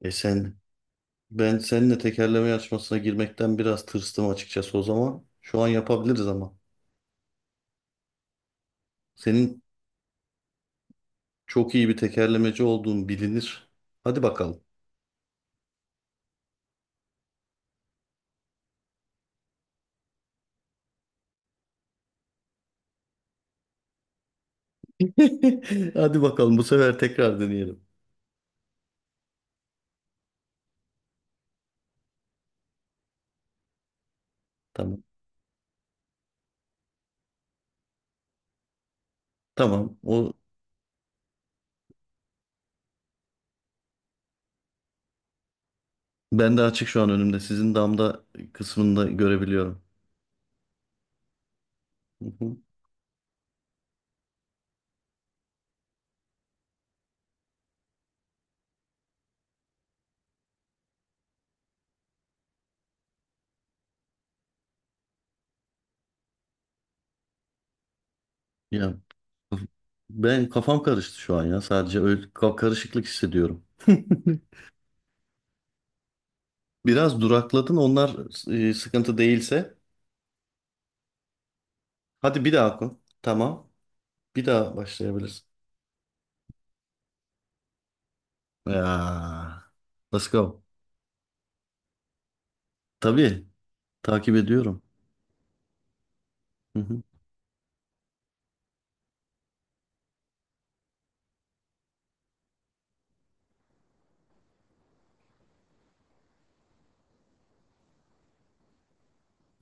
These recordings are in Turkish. E sen, ben seninle tekerleme yarışmasına girmekten biraz tırstım açıkçası o zaman. Şu an yapabiliriz ama. Senin çok iyi bir tekerlemeci olduğun bilinir. Hadi bakalım. Hadi bakalım bu sefer tekrar deneyelim. Tamam. Tamam. Ben de açık şu an önümde. Sizin damda kısmında görebiliyorum. Hı hı. Ya ben kafam karıştı şu an ya. Sadece öyle karışıklık hissediyorum. Biraz durakladın. Onlar sıkıntı değilse. Hadi bir daha oku. Tamam. Bir daha başlayabilirsin. Ya, let's go. Tabii takip ediyorum. Hı hı.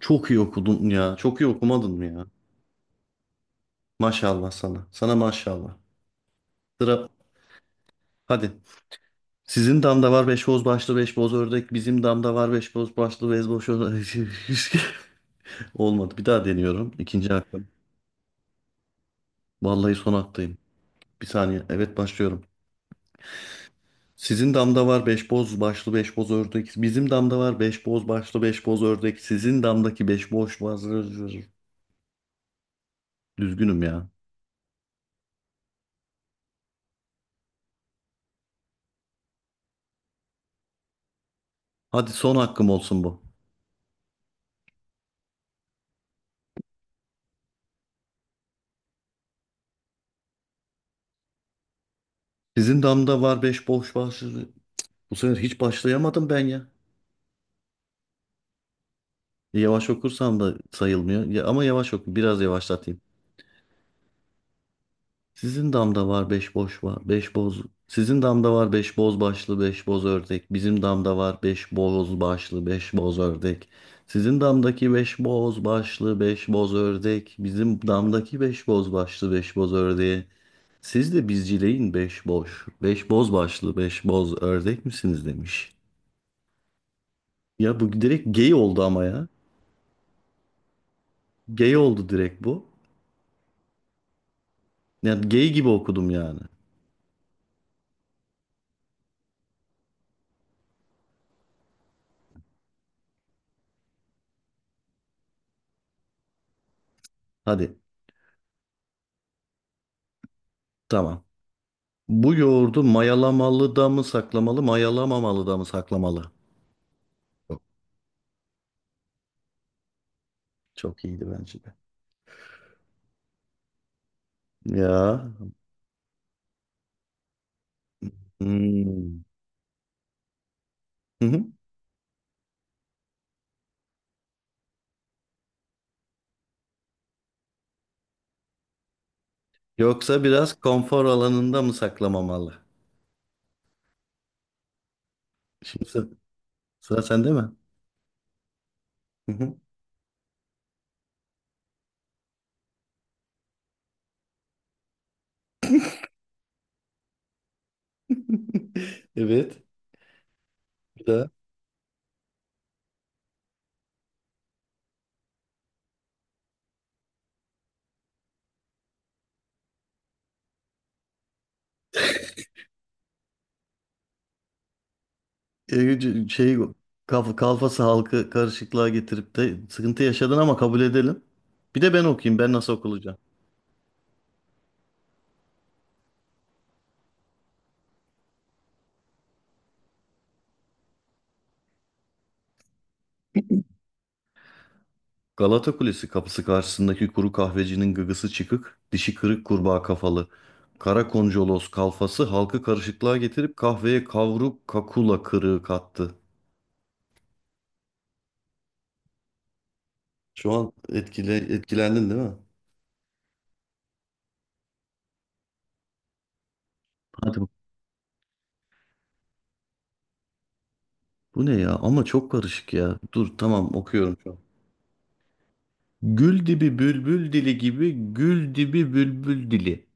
Çok iyi okudun ya. Çok iyi okumadın mı ya? Maşallah sana. Sana maşallah. Sıra hadi. Sizin damda var beş boz başlı beş boz ördek. Bizim damda var beş boz başlı beş boz ördek. Olmadı. Bir daha deniyorum. İkinci hakkım. Vallahi son hakkıyım. Bir saniye. Evet başlıyorum. Sizin damda var beş boz başlı beş boz ördek. Bizim damda var beş boz başlı beş boz ördek. Sizin damdaki beş boz başlı. Düzgünüm ya. Hadi son hakkım olsun bu. Sizin damda var beş boş başlı. Bu sefer hiç başlayamadım ben ya. Yavaş okursam da sayılmıyor. Ya, ama yavaş oku. Biraz yavaşlatayım. Sizin damda var beş boş var. Beş boz. Sizin damda var beş boz başlı beş boz ördek. Bizim damda var beş boz başlı beş boz ördek. Sizin damdaki beş boz başlı beş boz ördek. Bizim damdaki beş boz başlı beş boz ördeği. Siz de bizcileyin beş boş. Beş boz başlı, beş boz ördek misiniz demiş. Ya bu direkt gay oldu ama ya. Gay oldu direkt bu. Yani gay gibi okudum yani. Hadi tamam. Bu yoğurdu mayalamalı da mı saklamalı, mayalamamalı da mı saklamalı? Çok, çok iyiydi bence de. Ya. Hmm. Hı hı. Yoksa biraz konfor alanında mı saklamamalı? Şimdi sıra, sıra sende mi? Hı hı. Evet. Bir daha. E, şey kalfası halkı karışıklığa getirip de sıkıntı yaşadın ama kabul edelim. Bir de ben okuyayım. Ben nasıl okulacağım? Galata Kulesi kapısı karşısındaki kuru kahvecinin gıgısı çıkık, dişi kırık kurbağa kafalı. Kara koncolos kalfası halkı karışıklığa getirip kahveye kavruk kakula kırığı kattı. Şu an etkilendin değil mi? Hadi bak. Bu ne ya? Ama çok karışık ya. Dur tamam okuyorum şu an. Gül dibi bülbül dili gibi gül dibi bülbül dili.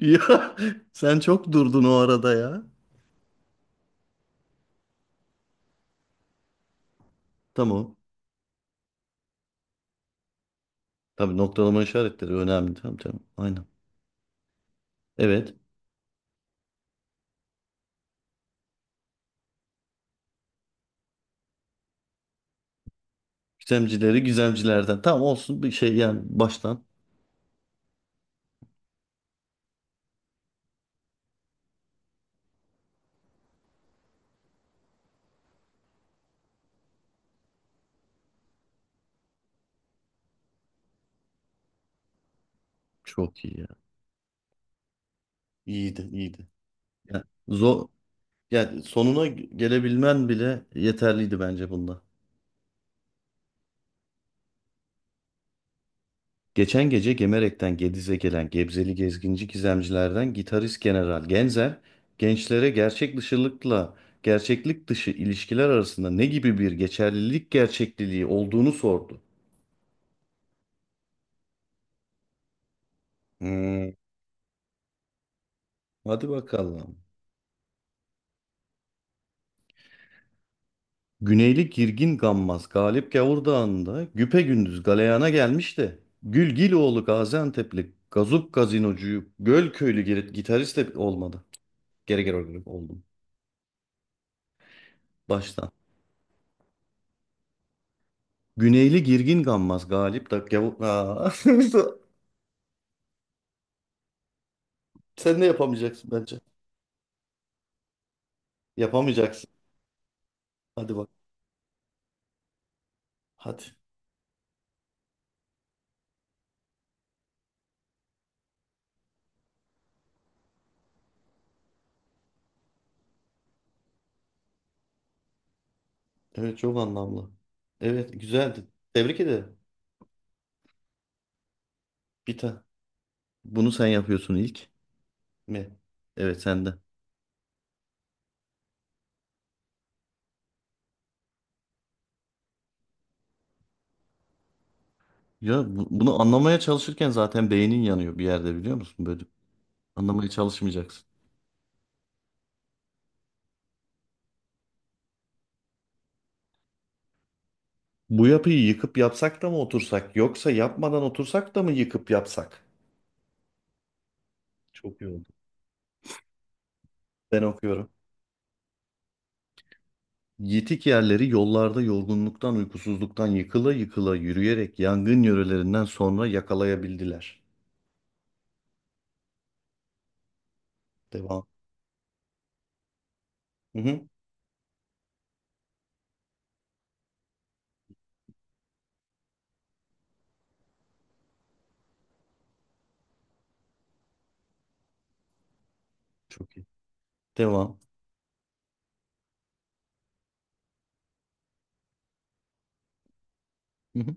Ya sen çok durdun o arada ya. Tamam. Tabii noktalama işaretleri önemli. Tamam tamam. Aynen. Evet. Gizemcileri gizemcilerden. Tamam olsun bir şey yani baştan. Çok iyi ya. İyiydi iyiydi. Yani, zor, yani sonuna gelebilmen bile yeterliydi bence bunda. Geçen gece Gemerek'ten Gediz'e gelen Gebzeli gezginci gizemcilerden gitarist General Genzer, gençlere gerçek dışılıkla gerçeklik dışı ilişkiler arasında ne gibi bir geçerlilik gerçekliliği olduğunu sordu. Hmm, hadi bakalım. Güneyli Girgin Gammaz Galip Gavur Dağı'nda güpegündüz galeyana gelmişti. De Gülgiloğlu Gaziantep'li Gazup Gazinocu'yu Gölköylü gitarist de olmadı. Geri geri oldum. Baştan. Güneyli Girgin Gammaz Galip da Gavu- Aa. Sen de yapamayacaksın bence. Yapamayacaksın. Hadi bak. Hadi. Evet çok anlamlı. Evet güzeldi. Tebrik ederim. Bir tane. Bunu sen yapıyorsun ilk mi? Evet sen de. Ya bunu anlamaya çalışırken zaten beynin yanıyor bir yerde biliyor musun böyle? Anlamaya çalışmayacaksın. Bu yapıyı yıkıp yapsak da mı otursak yoksa yapmadan otursak da mı yıkıp yapsak? Çok iyi oldu. Ben okuyorum. Yitik yerleri yollarda yorgunluktan, uykusuzluktan yıkıla yıkıla yürüyerek yangın yörelerinden sonra yakalayabildiler. Devam. Hı hı. Çok iyi. Devam. Hı hı.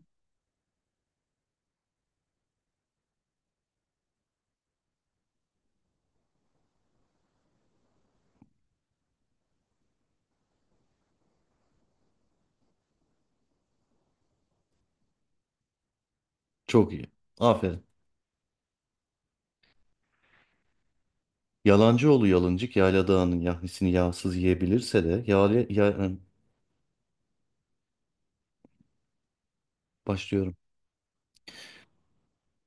Çok iyi. Aferin. Yalancıoğlu yalıncık yayla dağının yahnisini yağsız yiyebilirse de başlıyorum.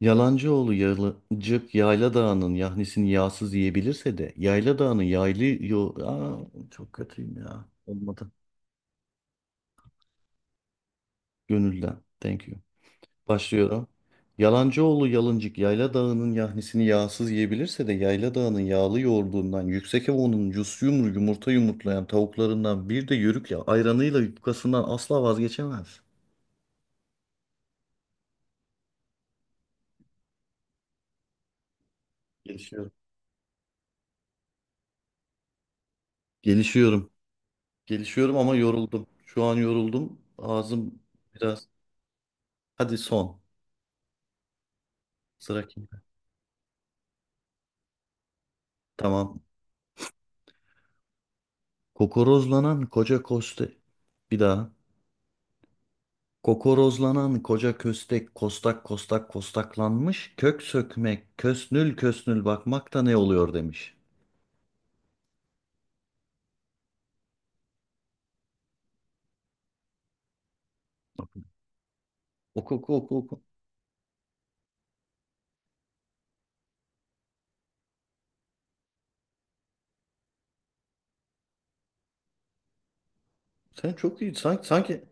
Yalancıoğlu yalıncık yayla dağının yahnisini yağsız yiyebilirse de yayla dağının yaylı Aa, çok kötüyüm ya. Olmadı. Gönülden. Thank you. Başlıyorum. Yalancıoğlu Yalıncık Yayla Dağı'nın yahnisini yağsız yiyebilirse de Yayla Dağı'nın yağlı yoğurdundan, Yüksek Evo'nun yus yumru yumurta yumurtlayan tavuklarından bir de yörük ya ayranıyla yufkasından asla vazgeçemez. Gelişiyorum. Gelişiyorum. Gelişiyorum ama yoruldum. Şu an yoruldum. Ağzım biraz. Hadi son. Sıra kimde? Tamam. Kokorozlanan koca koste. Bir daha. Kokorozlanan koca köstek kostak kostak kostaklanmış. Kök sökmek, kösnül kösnül bakmak da ne oluyor demiş. Oku oku oku oku. Sen çok iyi. Sanki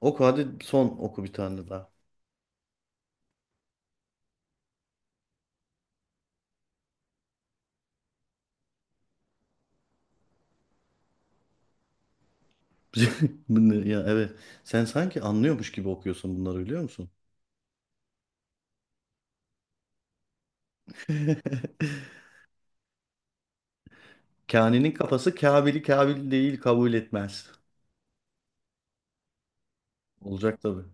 oku hadi son oku bir tane daha. Bu ne ya evet. Sen sanki anlıyormuş gibi okuyorsun bunları biliyor musun? Kani'nin kafası Kabil'i Kabil değil kabul etmez. Olacak tabii.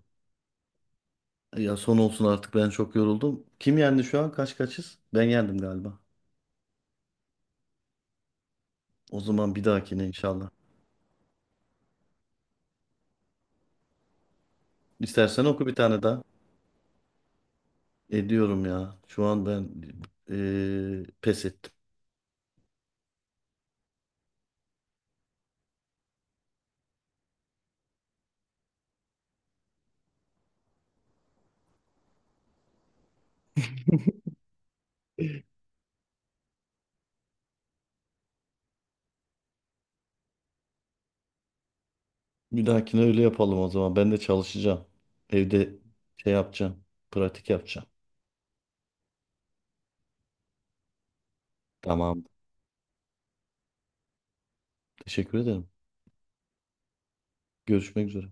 Ya son olsun artık ben çok yoruldum. Kim yendi şu an? Kaç kaçız? Ben yendim galiba. O zaman bir dahakine inşallah. İstersen oku bir tane daha. Ediyorum ya. Şu an ben pes ettim. Bir dahakine öyle yapalım o zaman. Ben de çalışacağım. Evde şey yapacağım. Pratik yapacağım. Tamam. Teşekkür ederim. Görüşmek üzere.